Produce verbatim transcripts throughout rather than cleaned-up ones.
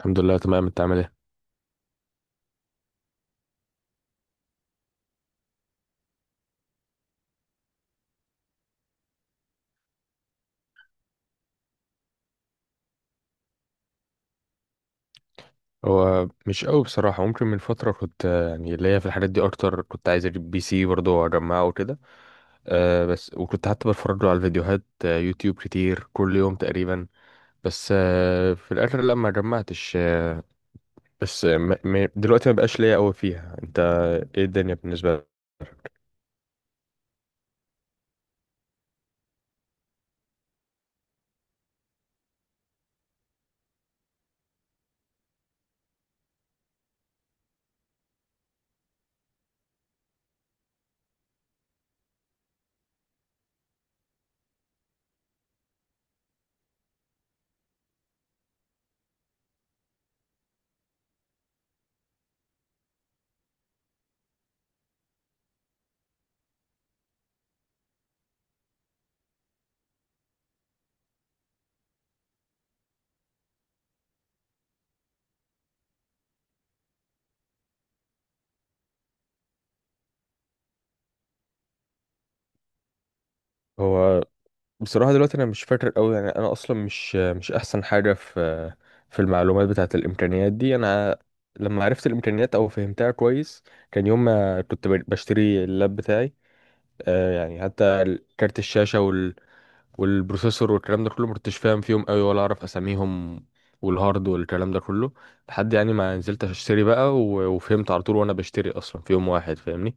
الحمد لله تمام. انت عامل ايه؟ هو مش قوي بصراحه، ممكن من فتره كنت آه، يعني ليا في الحاجات دي اكتر، كنت عايز اجيب بي سي برضه واجمعه وكده. أه بس وكنت حتى بتفرج له على الفيديوهات، آه، يوتيوب كتير كل يوم تقريبا. بس آه، في الاخر لا، ما جمعتش آه، بس آه، م- م- دلوقتي ما بقاش ليا قوي فيها. انت، ايه الدنيا بالنسبه لك؟ هو بصراحة دلوقتي أنا مش فاكر أوي، يعني أنا أصلا مش مش أحسن حاجة في في المعلومات بتاعة الإمكانيات دي. أنا لما عرفت الإمكانيات أو فهمتها كويس، كان يوم ما كنت ب- بشتري اللاب بتاعي. آه يعني حتى ال- كارت الشاشة وال والبروسيسور والكلام ده كله مكنتش فاهم فيهم أوي ولا أعرف أساميهم، والهارد والكلام ده كله. لحد يعني ما نزلت أشتري بقى و- وفهمت على طول، وأنا بشتري أصلا في يوم واحد، فاهمني؟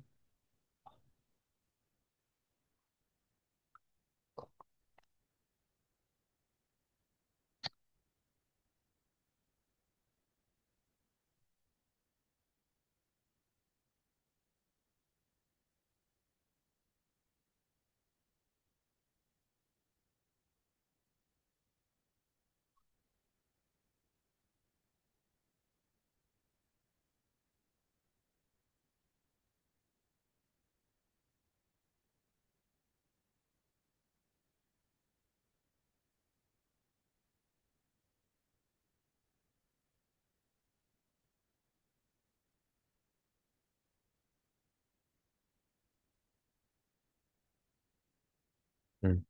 مم.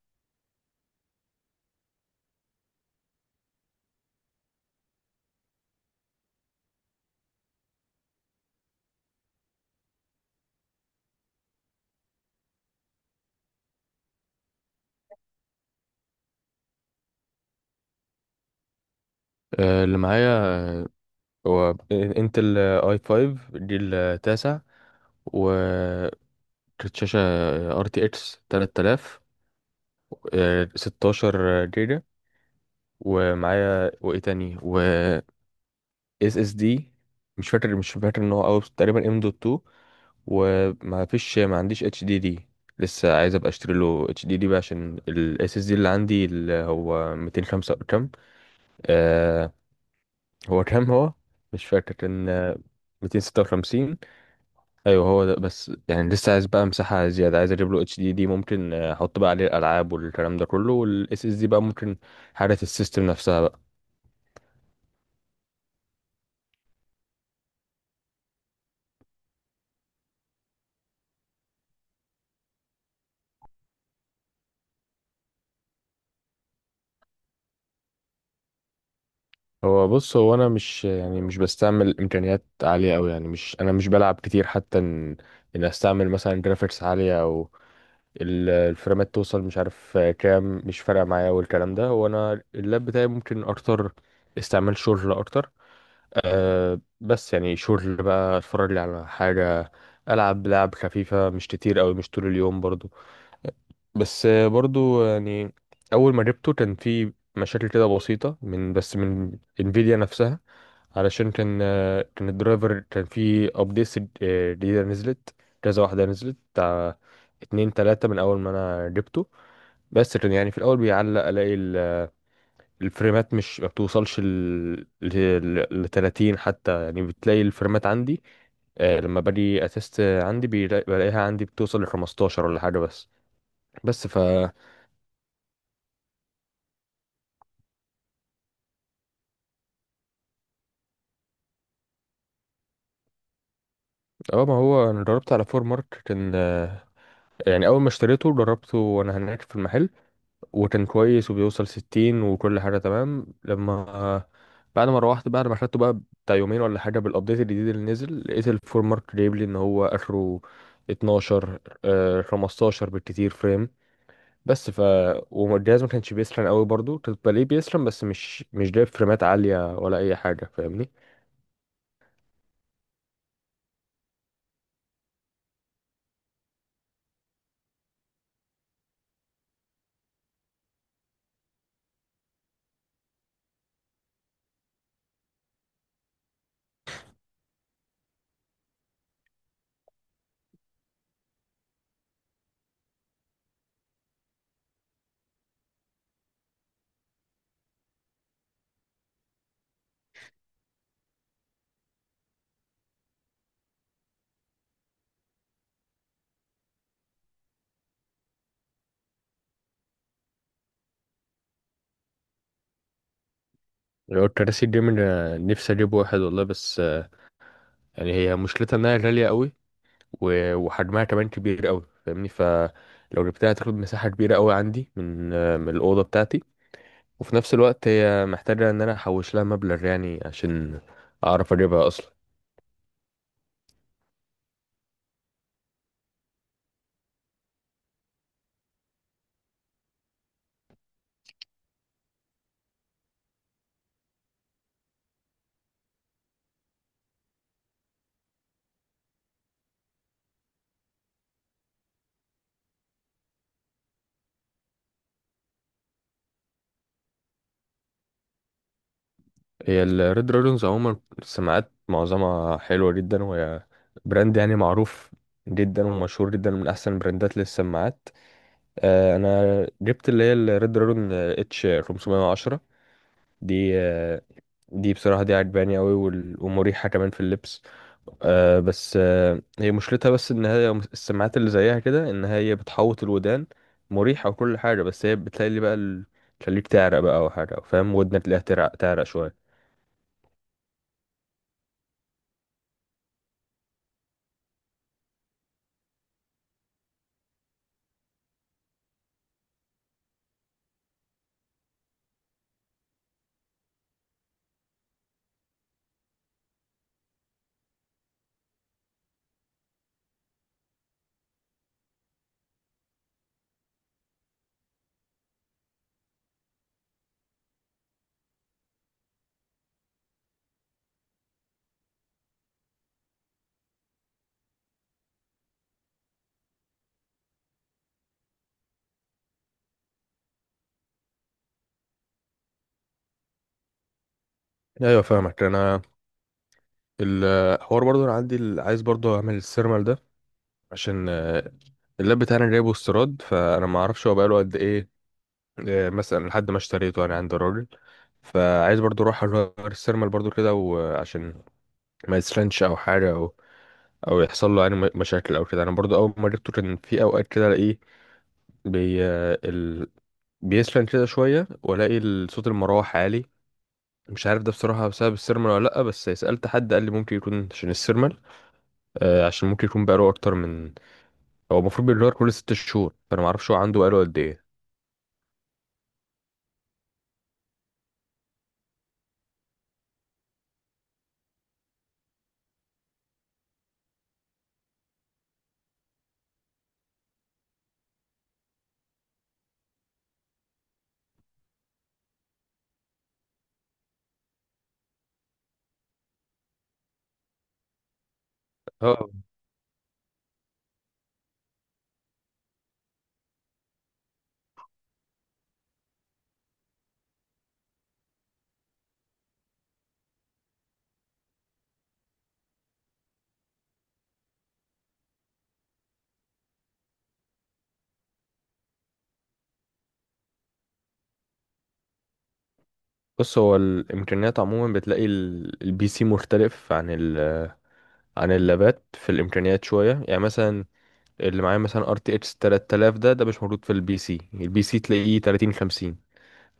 آه، اللي معايا، آه، هو انتل اي خمسة جيل تاسع، وكانت شاشة ار تي اكس ثلاثة آلاف، آه، ستاشر جيجا، ومعايا وايه تاني، و اس اس دي. مش فاكر مش فاكر ان هو اوي، بس تقريبا ام دوت اتنين. وما فيش، ما عنديش اتش دي دي، لسه عايز ابقى اشتري له اتش دي دي بقى، عشان الاس اس دي اللي عندي، اللي هو مئتين وخمسة كام. آه هو كام، هو مش فاكر، كان مئتين وستة وخمسين. ايوه، هو ده. بس يعني لسه عايز بقى مساحه زياده، عايز اجيب له اتش دي دي، ممكن آه، احط بقى عليه الالعاب والكلام ده كله، والاس اس دي بقى ممكن حاله السيستم نفسها بقى. هو بص، هو انا مش، يعني مش بستعمل امكانيات عاليه قوي، يعني مش، انا مش بلعب كتير حتى ان ان استعمل مثلا جرافيكس عاليه، او ال- الفريمات توصل مش عارف آه، كام، مش فارقه معايا والكلام ده. هو انا اللاب بتاعي ممكن اكتر استعمال شغل اكتر. أه بس يعني شغل بقى، اتفرج لي على حاجة، ألعب لعب خفيفة، مش كتير أوي، مش طول اليوم برضو. بس آه، برضو يعني، أول ما جبته كان في مشاكل كده بسيطة من بس من انفيديا نفسها، علشان كان آه، كان الدرايفر، كان في أبديتس جديدة نزلت، كذا واحدة نزلت، بتاع اتنين تلاتة من أول ما أنا جبته. بس كان يعني في الأول بيعلق، ألاقي الفريمات مش ما بتوصلش ل ل- ل تلاتين حتى، يعني بتلاقي الفريمات عندي، آه لما باجي اتست عندي بيلا- بلاقيها عندي بتوصل ل خمسة عشر ولا حاجه بس. بس ف اه ما هو انا جربت على فور مارك، كان آه، يعني اول ما اشتريته جربته وانا هناك في المحل، وكان كويس، وبيوصل ستين وكل حاجه تمام. لما بعد ما روحت، بعد ما خدته بقى، بتاع يومين ولا حاجه، بالابديت الجديد اللي نزل، لقيت الفور مارك جايب لي ان هو اخره اتناشر، آه، خمستاشر بالكتير فريم. بس ف والجهاز ما كانش بيسخن قوي برضو، كنت بلاقيه بيسخن، بس مش مش جايب فريمات عالية ولا أي حاجة، فاهمني؟ لو الكراسي الجيمنج، أنا نفسي أجيب واحد والله، بس آه، يعني هي مشكلتها إنها غالية قوي، و- وحجمها كمان كبير قوي، فاهمني؟ فلو جبتها هتاخد مساحة كبيرة قوي عندي من آه، من الأوضة بتاعتي، وفي نفس الوقت هي محتاجة إن أنا أحوش لها مبلغ يعني، عشان أعرف أجيبها أصلا. هي الريد دراجونز عموما السماعات معظمها حلوة جدا، وهي براند يعني معروف جدا ومشهور جدا، من أحسن البراندات للسماعات. آه، أنا جبت اللي هي الريد دراجون اتش خمسمية وعشرة، دي آه، دي بصراحة دي عجباني أوي، وال- ومريحة كمان في اللبس. آه، بس آه، هي مشكلتها بس إن هي السماعات اللي زيها كده، إن هي بتحوط الودان، مريحة وكل حاجة، بس هي بتلاقي بقى ال- تخليك تعرق بقى أو حاجة، فاهم؟ ودنك تلاقيها تعرق تعرق شوية. ايوه، فاهمك. انا الحوار برضو، انا عندي ال- عايز برضو اعمل السيرمال ده، عشان آه، اللاب بتاعنا جايبه استيراد، فانا ما اعرفش هو بقاله قد ايه، آه، مثلا لحد ما اشتريته انا عند الراجل. فعايز برضو اروح اغير السيرمال برضو كده، وعشان ما يسخنش او حاجه، او او يحصل له يعني م- مشاكل او كده. انا برضو اول ما جبته كان في اوقات كده الاقيه بي آه، ال... بيسخن كده شويه، والاقي ال- صوت المروحه عالي. مش عارف ده بصراحه بسبب السيرمال ولا لا، بس سالت حد قال لي ممكن يكون عشان السيرمال، آه، عشان ممكن يكون بقاله اكتر من، هو المفروض بيتغير كل ست شهور، فانا ما اعرفش هو عنده بقاله قد ايه. اه بص، هو الامكانيات عموما بتلاقي ال- البي سي مختلف عن ال عن اللابات في الامكانيات شويه، يعني مثلا اللي معايا مثلا ار تي اكس تلاتة آلاف، ده ده مش موجود في البي سي. البي سي تلاقيه تلاتين خمسين،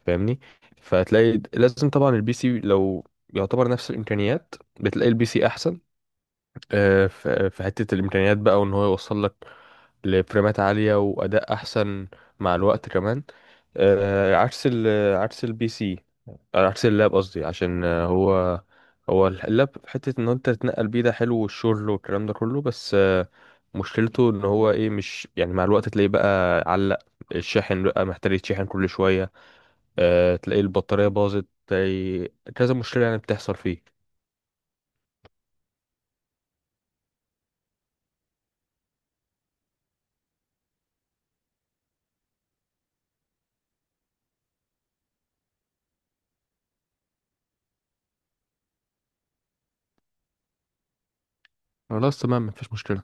فاهمني. فتلاقي لازم طبعا البي سي، لو يعتبر نفس الامكانيات، بتلاقي البي سي احسن، آه، ف- في حته الامكانيات بقى، وان هو يوصل لك لفريمات عالية وأداء أحسن، مع الوقت كمان، آه، عكس ال عكس البي سي، آه، عكس اللاب قصدي، عشان آه، هو هو اللاب في حتة إن أنت تتنقل بيه، ده حلو، والشغل والكلام ده كله. بس آه، مشكلته إن هو إيه، مش يعني، مع الوقت تلاقيه بقى علق، الشاحن بقى محتاج يتشحن كل شوية، آه، تلاقي البطارية باظت، تلاقي كذا مشكلة يعني بتحصل فيه. خلاص تمام، مفيش مشكلة.